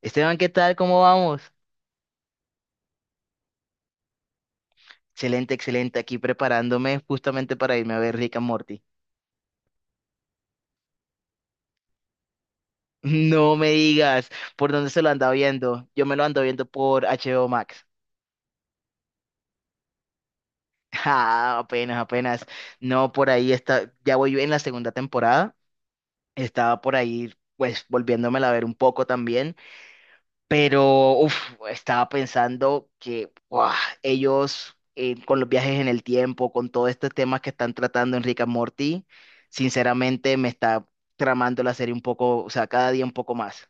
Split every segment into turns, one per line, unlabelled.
Esteban, ¿qué tal? ¿Cómo vamos? Excelente, excelente. Aquí preparándome justamente para irme a ver Rick and Morty. No me digas por dónde se lo anda viendo. Yo me lo ando viendo por HBO Max. Ah, apenas, apenas. No, por ahí está. Ya voy en la segunda temporada. Estaba por ahí, pues, volviéndomela a ver un poco también. Pero uf, estaba pensando que ¡guau! Ellos con los viajes en el tiempo, con todos estos temas que están tratando en Rick and Morty, sinceramente me está tramando la serie un poco, o sea, cada día un poco más.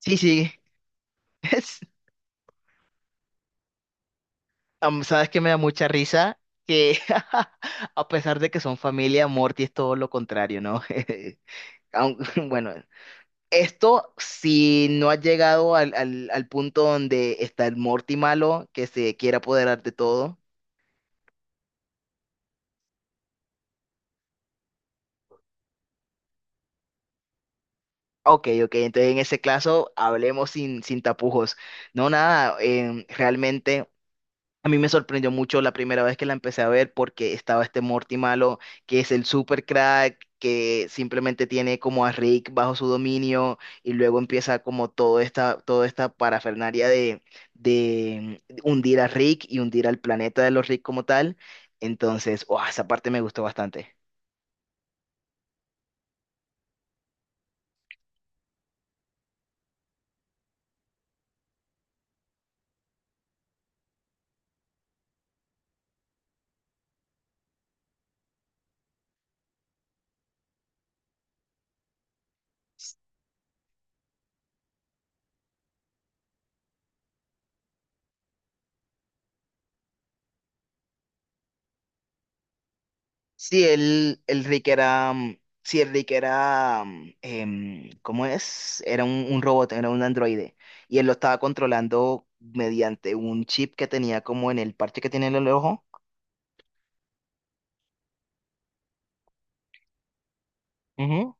Sí, sí, es- sabes que me da mucha risa que a pesar de que son familia, Morty es todo lo contrario, ¿no? Bueno, esto si no ha llegado al punto donde está el Morty malo que se quiere apoderar de todo. Ok, ok, entonces en ese caso hablemos sin tapujos. No, nada, realmente a mí me sorprendió mucho la primera vez que la empecé a ver porque estaba este Morty malo, que es el super crack, que simplemente tiene como a Rick bajo su dominio y luego empieza como toda esta parafernalia de hundir a Rick y hundir al planeta de los Rick como tal. Entonces, ¡guau! Esa parte me gustó bastante. Sí, el Rick era, mm, sí, el Rick era, ¿cómo es? Era un robot, era un androide, y él lo estaba controlando mediante un chip que tenía como en el parche que tiene en el ojo. Ujú.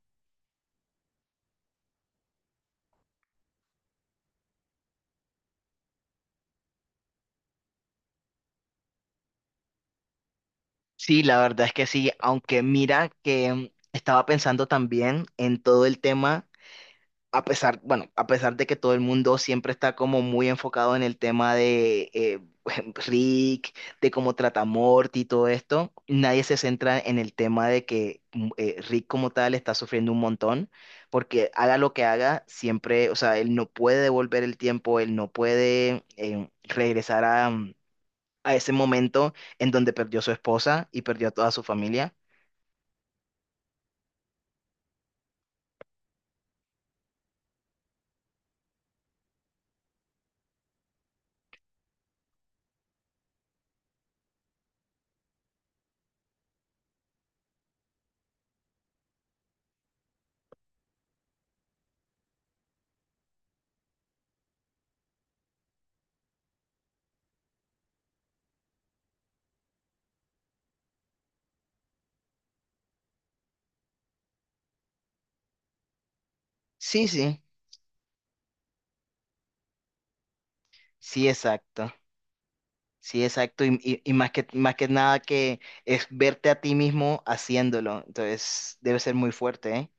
Sí, la verdad es que sí, aunque mira que estaba pensando también en todo el tema. A pesar, bueno, a pesar de que todo el mundo siempre está como muy enfocado en el tema de Rick, de cómo trata a Morty y todo esto, nadie se centra en el tema de que Rick como tal está sufriendo un montón, porque haga lo que haga, siempre, o sea, él no puede devolver el tiempo, él no puede regresar a, a ese momento en donde perdió a su esposa y perdió a toda su familia. Sí, sí, sí, exacto. Sí, exacto. Y más que nada que es verte a ti mismo haciéndolo. Entonces, debe ser muy fuerte, ¿eh?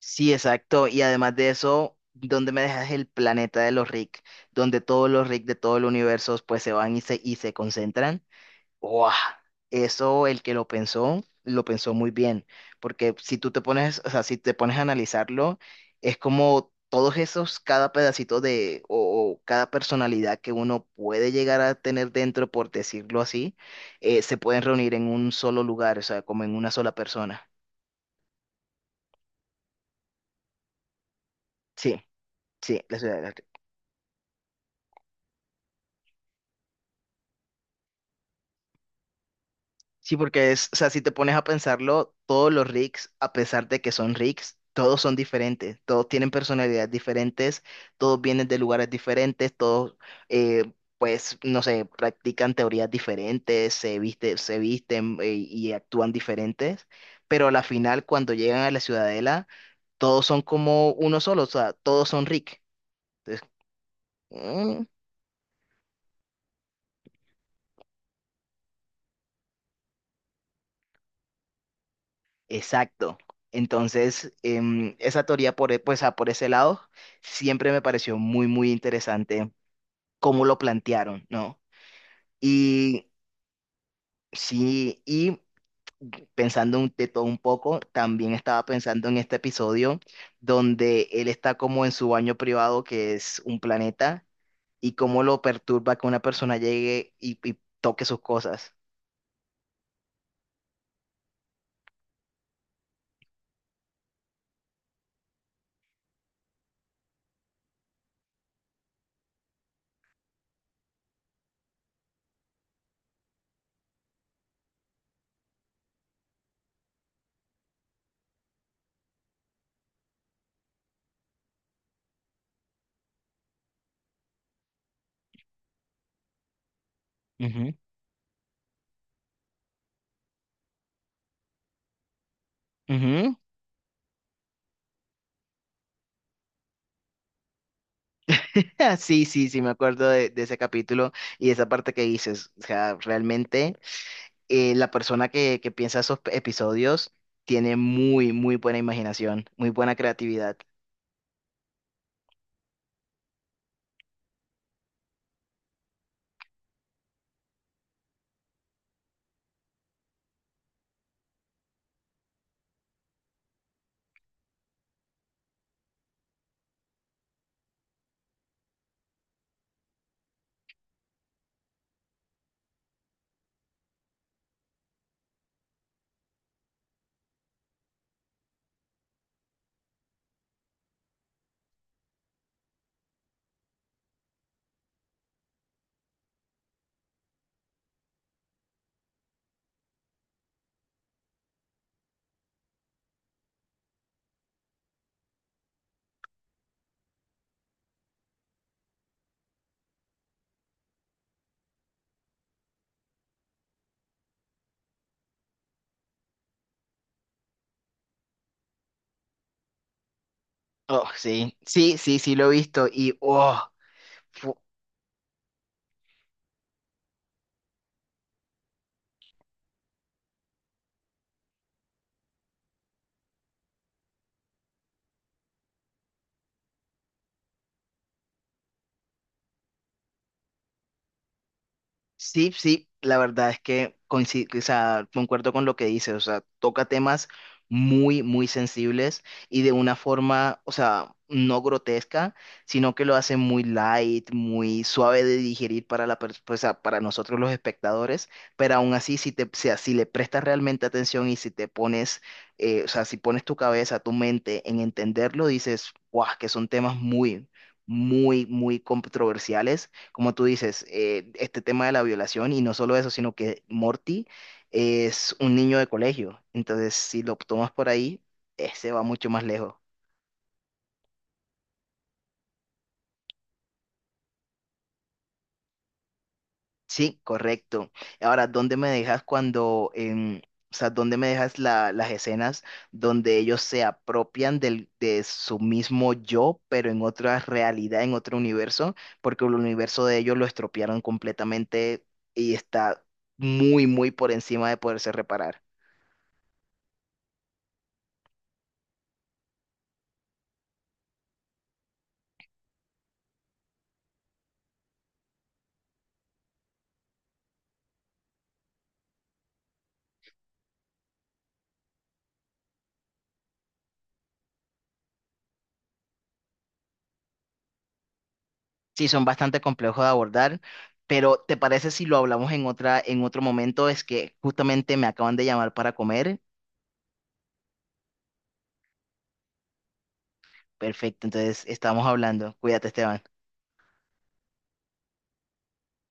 Sí, exacto. Y además de eso, ¿dónde me dejas el planeta de los Rick? Donde todos los Rick de todo el universo pues se van y se concentran. Wow, eso el que lo pensó muy bien, porque si tú te pones, o sea, si te pones a analizarlo, es como todos esos, cada pedacito o cada personalidad que uno puede llegar a tener dentro, por decirlo así, se pueden reunir en un solo lugar, o sea, como en una sola persona. Sí, sí, la ciudad. Sí, porque es, o sea, si te pones a pensarlo, todos los rigs, a pesar de que son rigs, todos son diferentes, todos tienen personalidades diferentes, todos vienen de lugares diferentes, todos, eh, pues, no sé, practican teorías diferentes, se visten, y actúan diferentes, pero a la final, cuando llegan a la ciudadela, todos son como uno solo, o sea, todos son rig. Entonces, mm, exacto. Entonces, esa teoría por, pues, por ese lado siempre me pareció muy, muy interesante cómo lo plantearon, ¿no? Y sí, y pensando de todo un poco, también estaba pensando en este episodio donde él está como en su baño privado, que es un planeta, y cómo lo perturba que una persona llegue y toque sus cosas. Ujú, ujú. Sí, sí, sí, me acuerdo de ese capítulo y esa parte que dices. O sea, realmente la persona que piensa esos episodios tiene muy, muy buena imaginación, muy buena creatividad. Oh, sí, sí, sí, sí, lo he visto y oh, sí, sí, la verdad es que coincido, o sea, concuerdo con lo que dices, o sea, toca temas muy, muy sensibles y de una forma, o sea, no grotesca, sino que lo hace muy light, muy suave de digerir para o sea, para nosotros los espectadores, pero aún así, o sea, si le prestas realmente atención y si te pones, o sea, si pones tu cabeza, tu mente en entenderlo, dices, guau, que son temas muy, muy, muy controversiales como tú dices, este tema de la violación y no solo eso, sino que Morty es un niño de colegio. Entonces, si lo tomas por ahí, ese va mucho más lejos. Sí, correcto. Ahora, ¿dónde me dejas cuando, o sea, dónde me dejas las escenas donde ellos se apropian del, de su mismo yo, pero en otra realidad, en otro universo, porque el universo de ellos lo estropearon completamente y está muy, muy por encima de poderse reparar? Sí, son bastante complejos de abordar, pero ¿te parece si lo hablamos en otra, en otro momento? Es que justamente me acaban de llamar para comer. Perfecto, entonces estamos hablando. Cuídate, Esteban.